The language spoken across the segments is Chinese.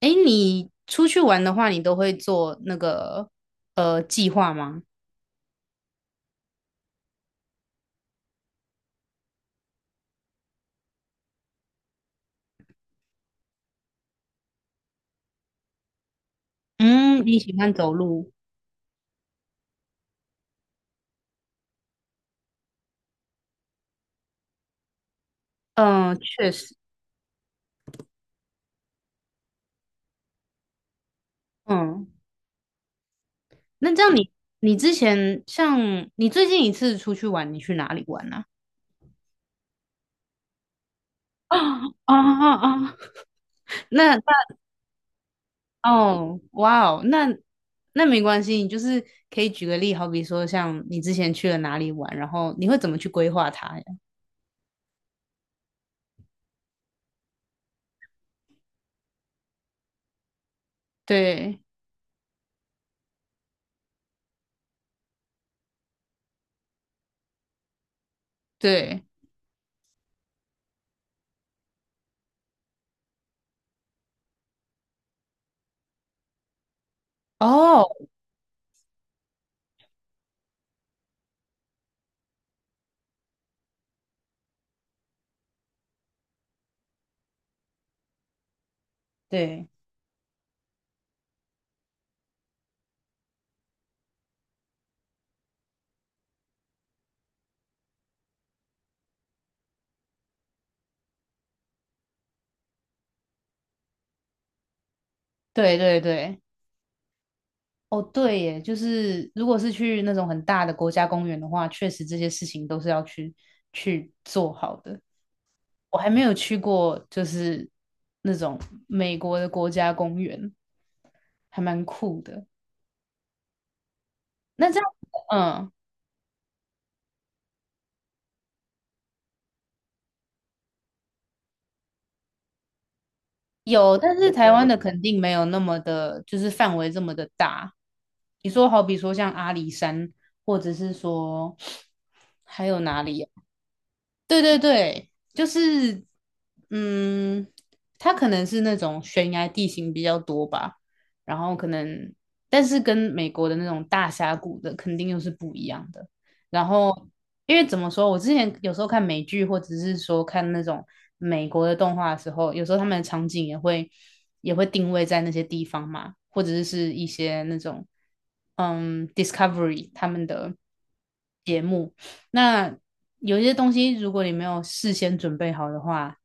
哎，你出去玩的话，你都会做那个计划吗？嗯，你喜欢走路？嗯，确实，嗯，那这样你之前像你最近一次出去玩，你去哪里玩呢？啊？啊啊啊！啊那 那哦，哇哦，那没关系，你就是可以举个例，好比说像你之前去了哪里玩，然后你会怎么去规划它呀？对对。哦，对对对对。哦，对耶，就是如果是去那种很大的国家公园的话，确实这些事情都是要去做好的。我还没有去过，就是那种美国的国家公园，还蛮酷的。那这样，嗯，有，但是台湾的肯定没有那么的，就是范围这么的大。你说，好比说像阿里山，或者是说还有哪里啊。对对对，就是，嗯，它可能是那种悬崖地形比较多吧，然后可能，但是跟美国的那种大峡谷的肯定又是不一样的。然后，因为怎么说，我之前有时候看美剧或者是说看那种美国的动画的时候，有时候他们的场景也会定位在那些地方嘛，或者是一些那种，嗯，Discovery 他们的。目。那有些东西，如果你没有事先准备好的话，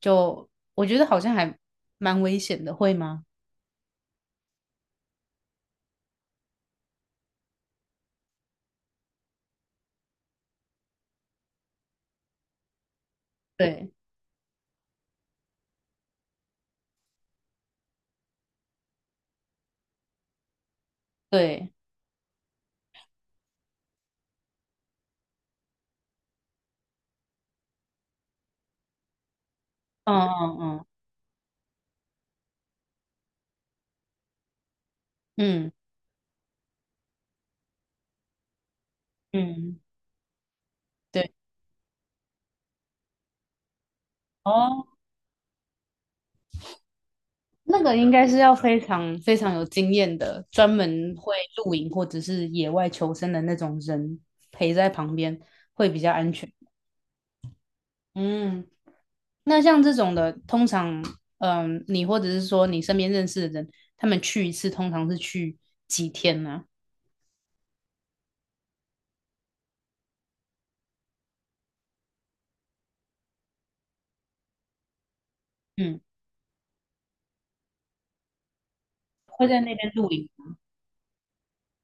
就我觉得好像还蛮危险的，会吗？对对，嗯嗯嗯嗯嗯，对。哦，那个应该是要非常非常有经验的，专门会露营或者是野外求生的那种人陪在旁边会比较安全。嗯，那像这种的，通常，嗯，你或者是说你身边认识的人，他们去一次通常是去几天呢？嗯，会在那边露营。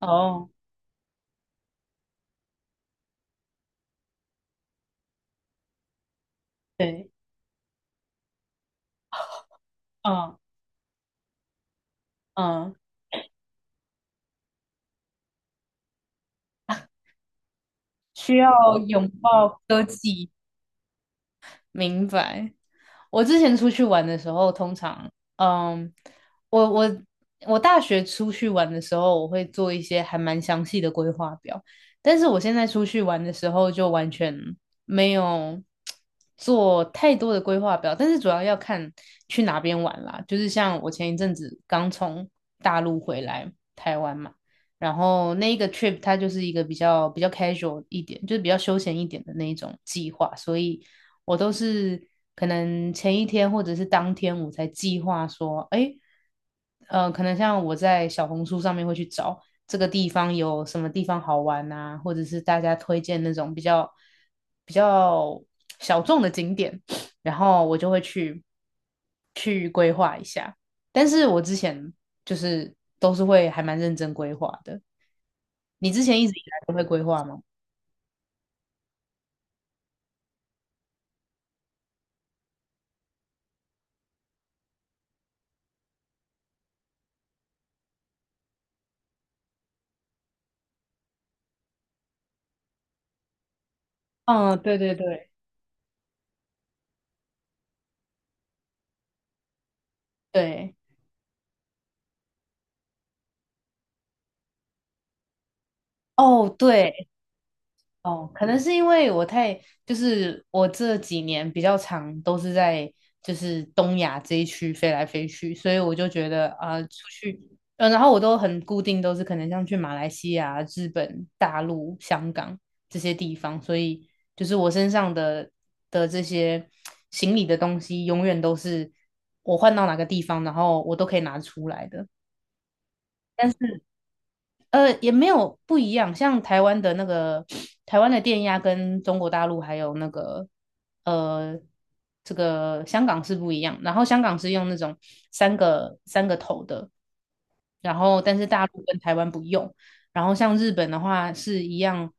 哦，对，嗯嗯，需要拥抱科技。明白。我之前出去玩的时候，通常，嗯，我我我大学出去玩的时候，我会做一些还蛮详细的规划表，但是我现在出去玩的时候，就完全没有做太多的规划表，但是主要要看去哪边玩啦。就是像我前一阵子刚从大陆回来台湾嘛，然后那一个 trip 它就是一个比较比较 casual 一点，就是比较休闲一点的那一种计划，所以我都是可能前一天或者是当天我才计划说，哎，可能像我在小红书上面会去找这个地方有什么地方好玩啊，或者是大家推荐那种比较比较小众的景点，然后我就会去规划一下。但是我之前就是都是会还蛮认真规划的。你之前一直以来都会规划吗？嗯，对对对对。哦，对，哦，可能是因为我太，就是我这几年比较长都是在就是东亚这一区飞来飞去，所以我就觉得啊，出去，嗯，然后我都很固定，都是可能像去马来西亚、日本、大陆、香港这些地方，所以就是我身上的这些行李的东西，永远都是我换到哪个地方，然后我都可以拿出来的。但是。也没有不一样，像台湾的那个台湾的电压跟中国大陆还有那个呃这个香港是不一样，然后香港是用那种三个头的，然后但是大陆跟台湾不用，然后像日本的话是一样，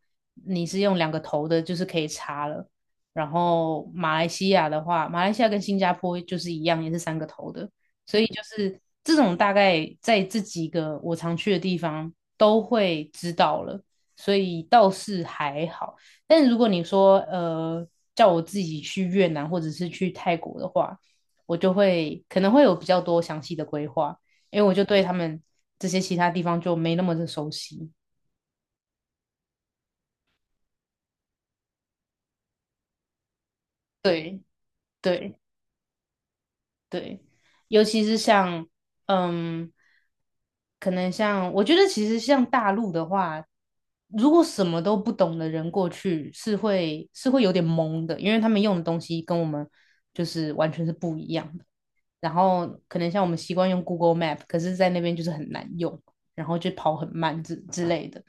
你是用两个头的，就是可以插了，然后马来西亚的话，马来西亚跟新加坡就是一样，也是三个头的，所以就是这种大概在这几个我常去的地方都会知道了，所以倒是还好。但如果你说叫我自己去越南或者是去泰国的话，我就会可能会有比较多详细的规划，因为我就对他们这些其他地方就没那么的熟悉。对对。对，尤其是像，嗯，可能像，我觉得其实像大陆的话，如果什么都不懂的人过去是会有点懵的，因为他们用的东西跟我们就是完全是不一样的。然后可能像我们习惯用 Google Map，可是在那边就是很难用，然后就跑很慢之类的。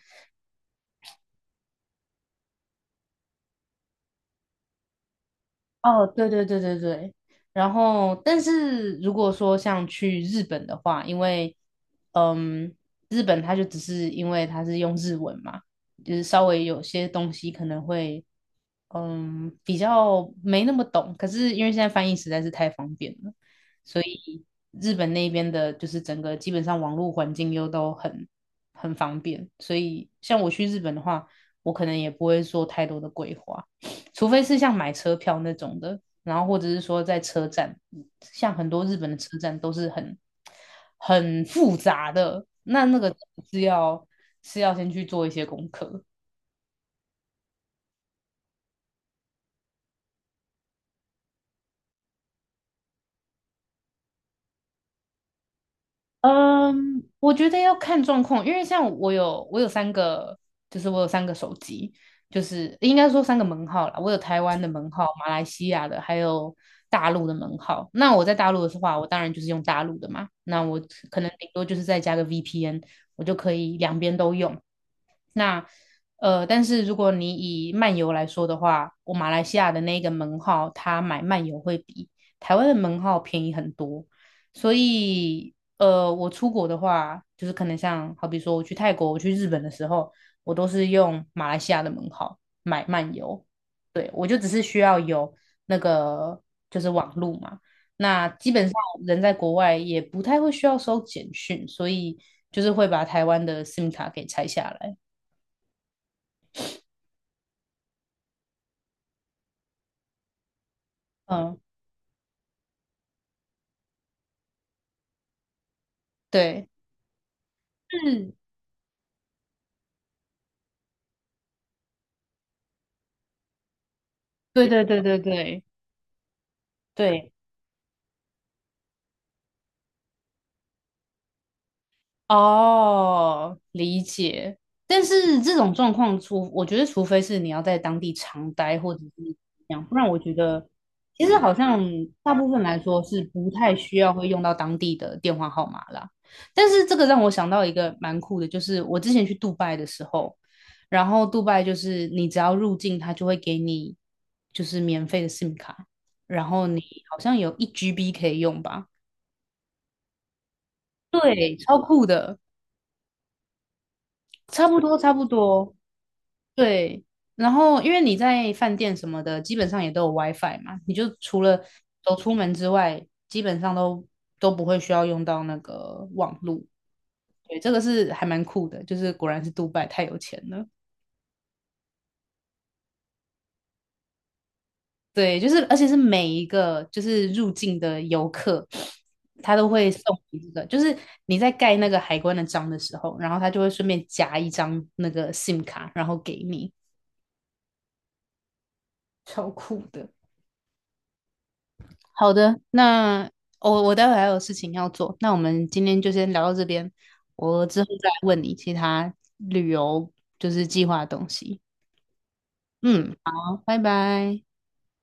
哦，对对对对对，然后，但是如果说像去日本的话，因为，嗯，日本它就只是因为它是用日文嘛，就是稍微有些东西可能会，嗯，比较没那么懂。可是因为现在翻译实在是太方便了，所以日本那边的就是整个基本上网络环境又都很方便，所以像我去日本的话，我可能也不会做太多的规划。除非是像买车票那种的，然后或者是说在车站，像很多日本的车站都是很复杂的，那那个是要是要先去做一些功课。嗯，我觉得要看状况，因为像我有三个，就是我有三个手机，就是应该说三个门号啦。我有台湾的门号、马来西亚的，还有大陆的门号。那我在大陆的话，我当然就是用大陆的嘛。那我可能顶多就是再加个 VPN，我就可以两边都用。那但是如果你以漫游来说的话，我马来西亚的那个门号，它买漫游会比台湾的门号便宜很多。所以我出国的话，就是可能像好比说我去泰国、我去日本的时候，我都是用马来西亚的门号买漫游。对，我就只是需要有那个就是网路嘛。那基本上人在国外也不太会需要收简讯，所以就是会把台湾的 SIM 卡给拆下来。嗯，对，嗯，对对对对对对，哦，理解。但是这种状况除，我觉得除非是你要在当地常待，或者是怎么样，不然我觉得其实好像大部分来说是不太需要会用到当地的电话号码啦。但是这个让我想到一个蛮酷的，就是我之前去杜拜的时候，然后杜拜就是你只要入境，它就会给你就是免费的 SIM 卡，然后你好像有一 GB 可以用吧？对，超酷的，差不多差不多。对，然后因为你在饭店什么的，基本上也都有 WiFi 嘛，你就除了走出门之外，基本上都不会需要用到那个网络。对，这个是还蛮酷的，就是果然是杜拜太有钱了。对，就是而且是每一个就是入境的游客，他都会送你这个，就是你在盖那个海关的章的时候，然后他就会顺便夹一张那个 SIM 卡，然后给你，超酷的。好的，那我待会还有事情要做，那我们今天就先聊到这边，我之后再问你其他旅游就是计划的东西。嗯，好，拜拜。